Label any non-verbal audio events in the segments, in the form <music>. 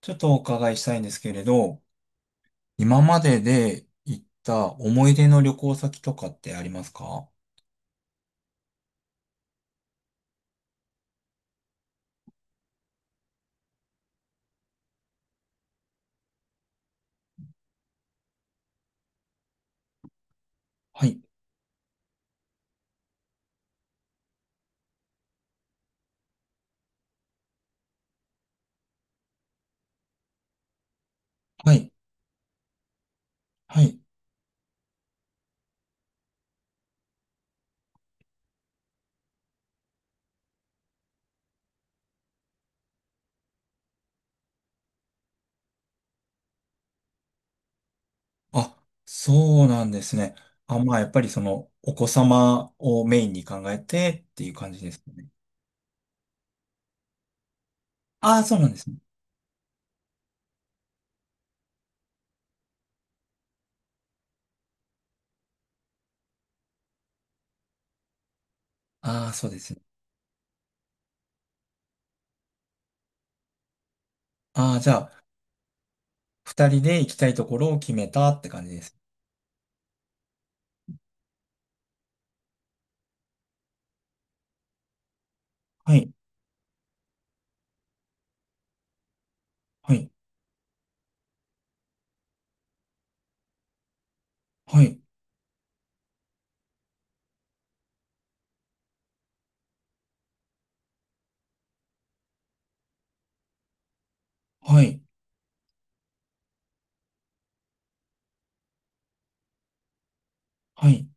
ちょっとお伺いしたいんですけれど、今までで行った思い出の旅行先とかってありますか？はい、はい、はい。あ、そうなんですね。あ、まあ、やっぱりその、お子様をメインに考えてっていう感じですかね。ああ、そうなんですね。ああ、そうですね。ああ、じゃあ、二人で行きたいところを決めたって感じです。はい、はい、はい、はい、はい、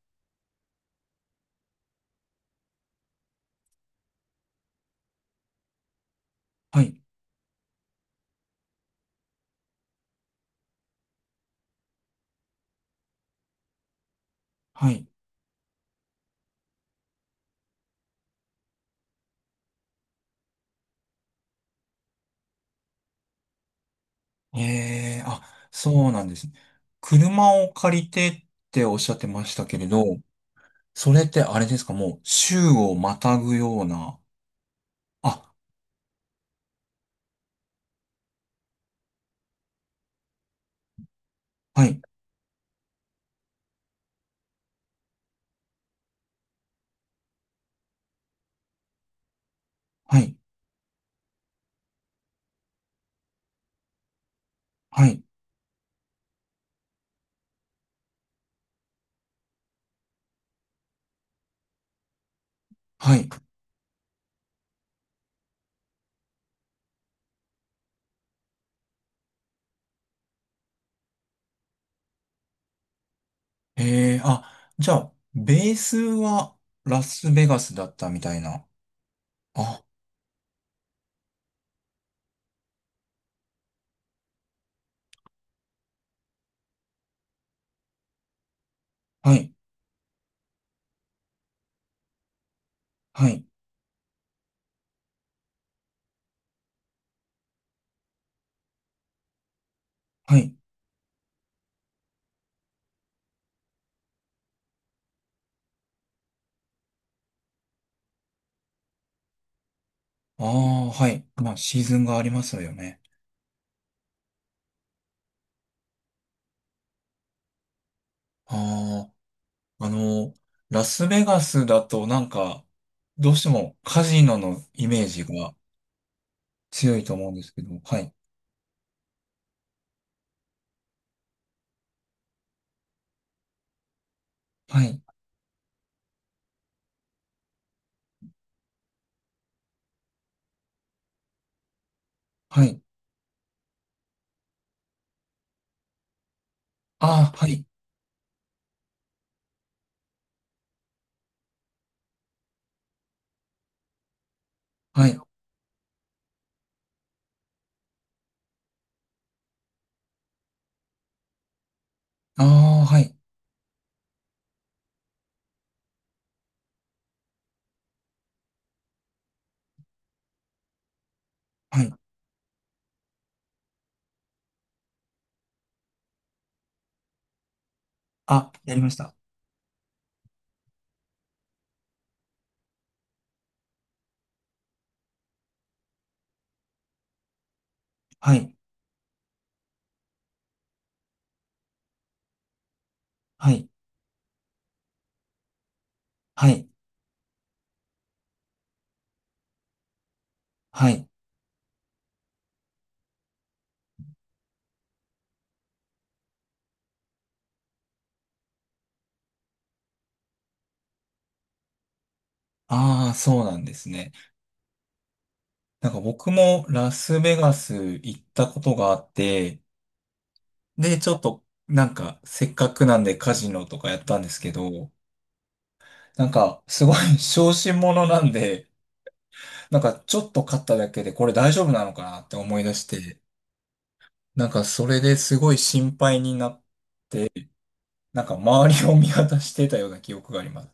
はい、はい。ええ、あ、そうなんですね。車を借りてっておっしゃってましたけれど、それってあれですか、もう州をまたぐような。あ、はい、はい、はい、はい。ええ、あ、じゃあ、ベースはラスベガスだったみたいな。あ、はい、はい、はい。ああ、はい。まあ、シーズンがありますよね。ああ、あの、ラスベガスだとなんか、どうしてもカジノのイメージが強いと思うんですけど、はい、はい、はい、ああ、はい、はい、ああ、はい、はい、あ、やりました。はい、はい、はい、はい、ああ、そうなんですね。なんか僕もラスベガス行ったことがあって、で、ちょっと、なんか、せっかくなんでカジノとかやったんですけど、なんか、すごい <laughs> 小心者なんで、なんか、ちょっと勝っただけで、これ大丈夫なのかなって思い出して、なんか、それですごい心配になっなんか周りを見渡してたような記憶があります。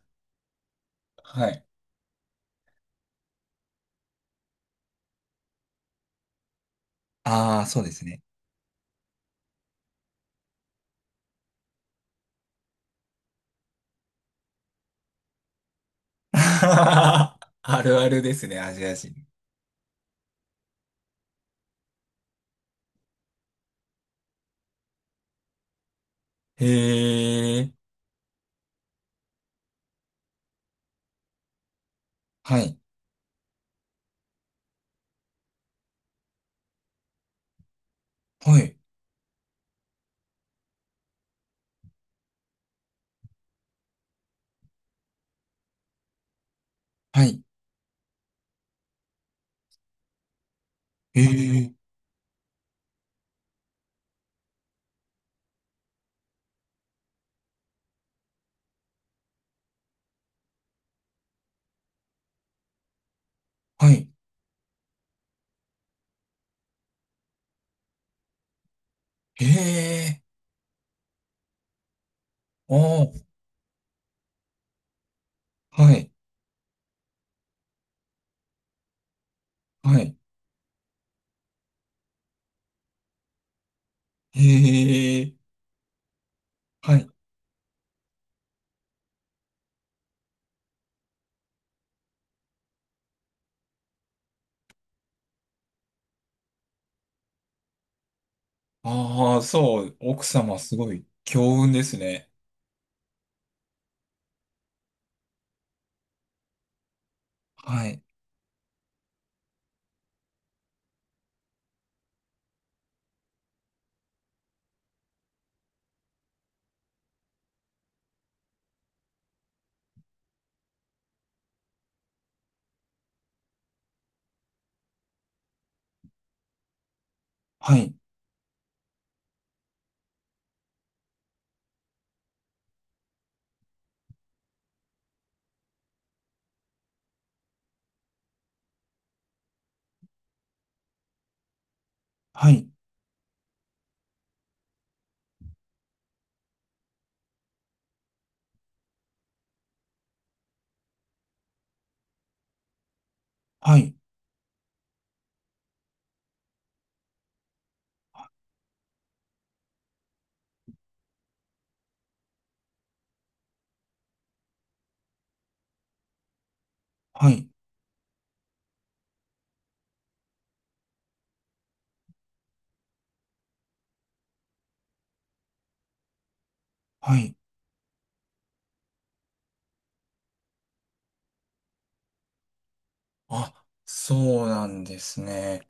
はい。ああ、そうですね。<laughs> あるあるですね、アジア人。へえ。はい。はい。はい。へえ。はい。へえ。おー。はい。はい。へえ。はい。ああ、そう、奥様すごい強運ですね。はい。はい。はい。はい。はい。はい。あ、そうなんですね。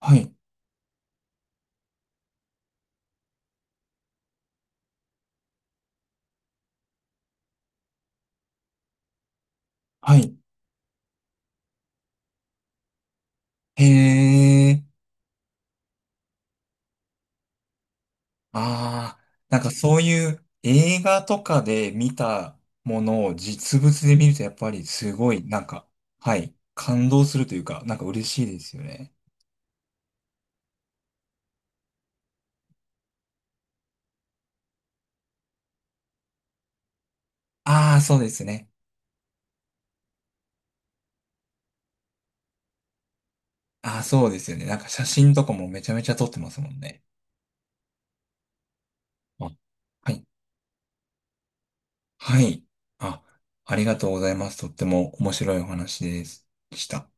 はい。はい。へえ。ああ、なんかそういう映画とかで見たものを実物で見るとやっぱりすごい、なんか、はい、感動するというか、なんか嬉しいですよね。ああ、そうですね。ああ、そうですよね。なんか写真とかもめちゃめちゃ撮ってますもんね。あ、はい、はい。あ、ありがとうございます。とっても面白いお話ですでした。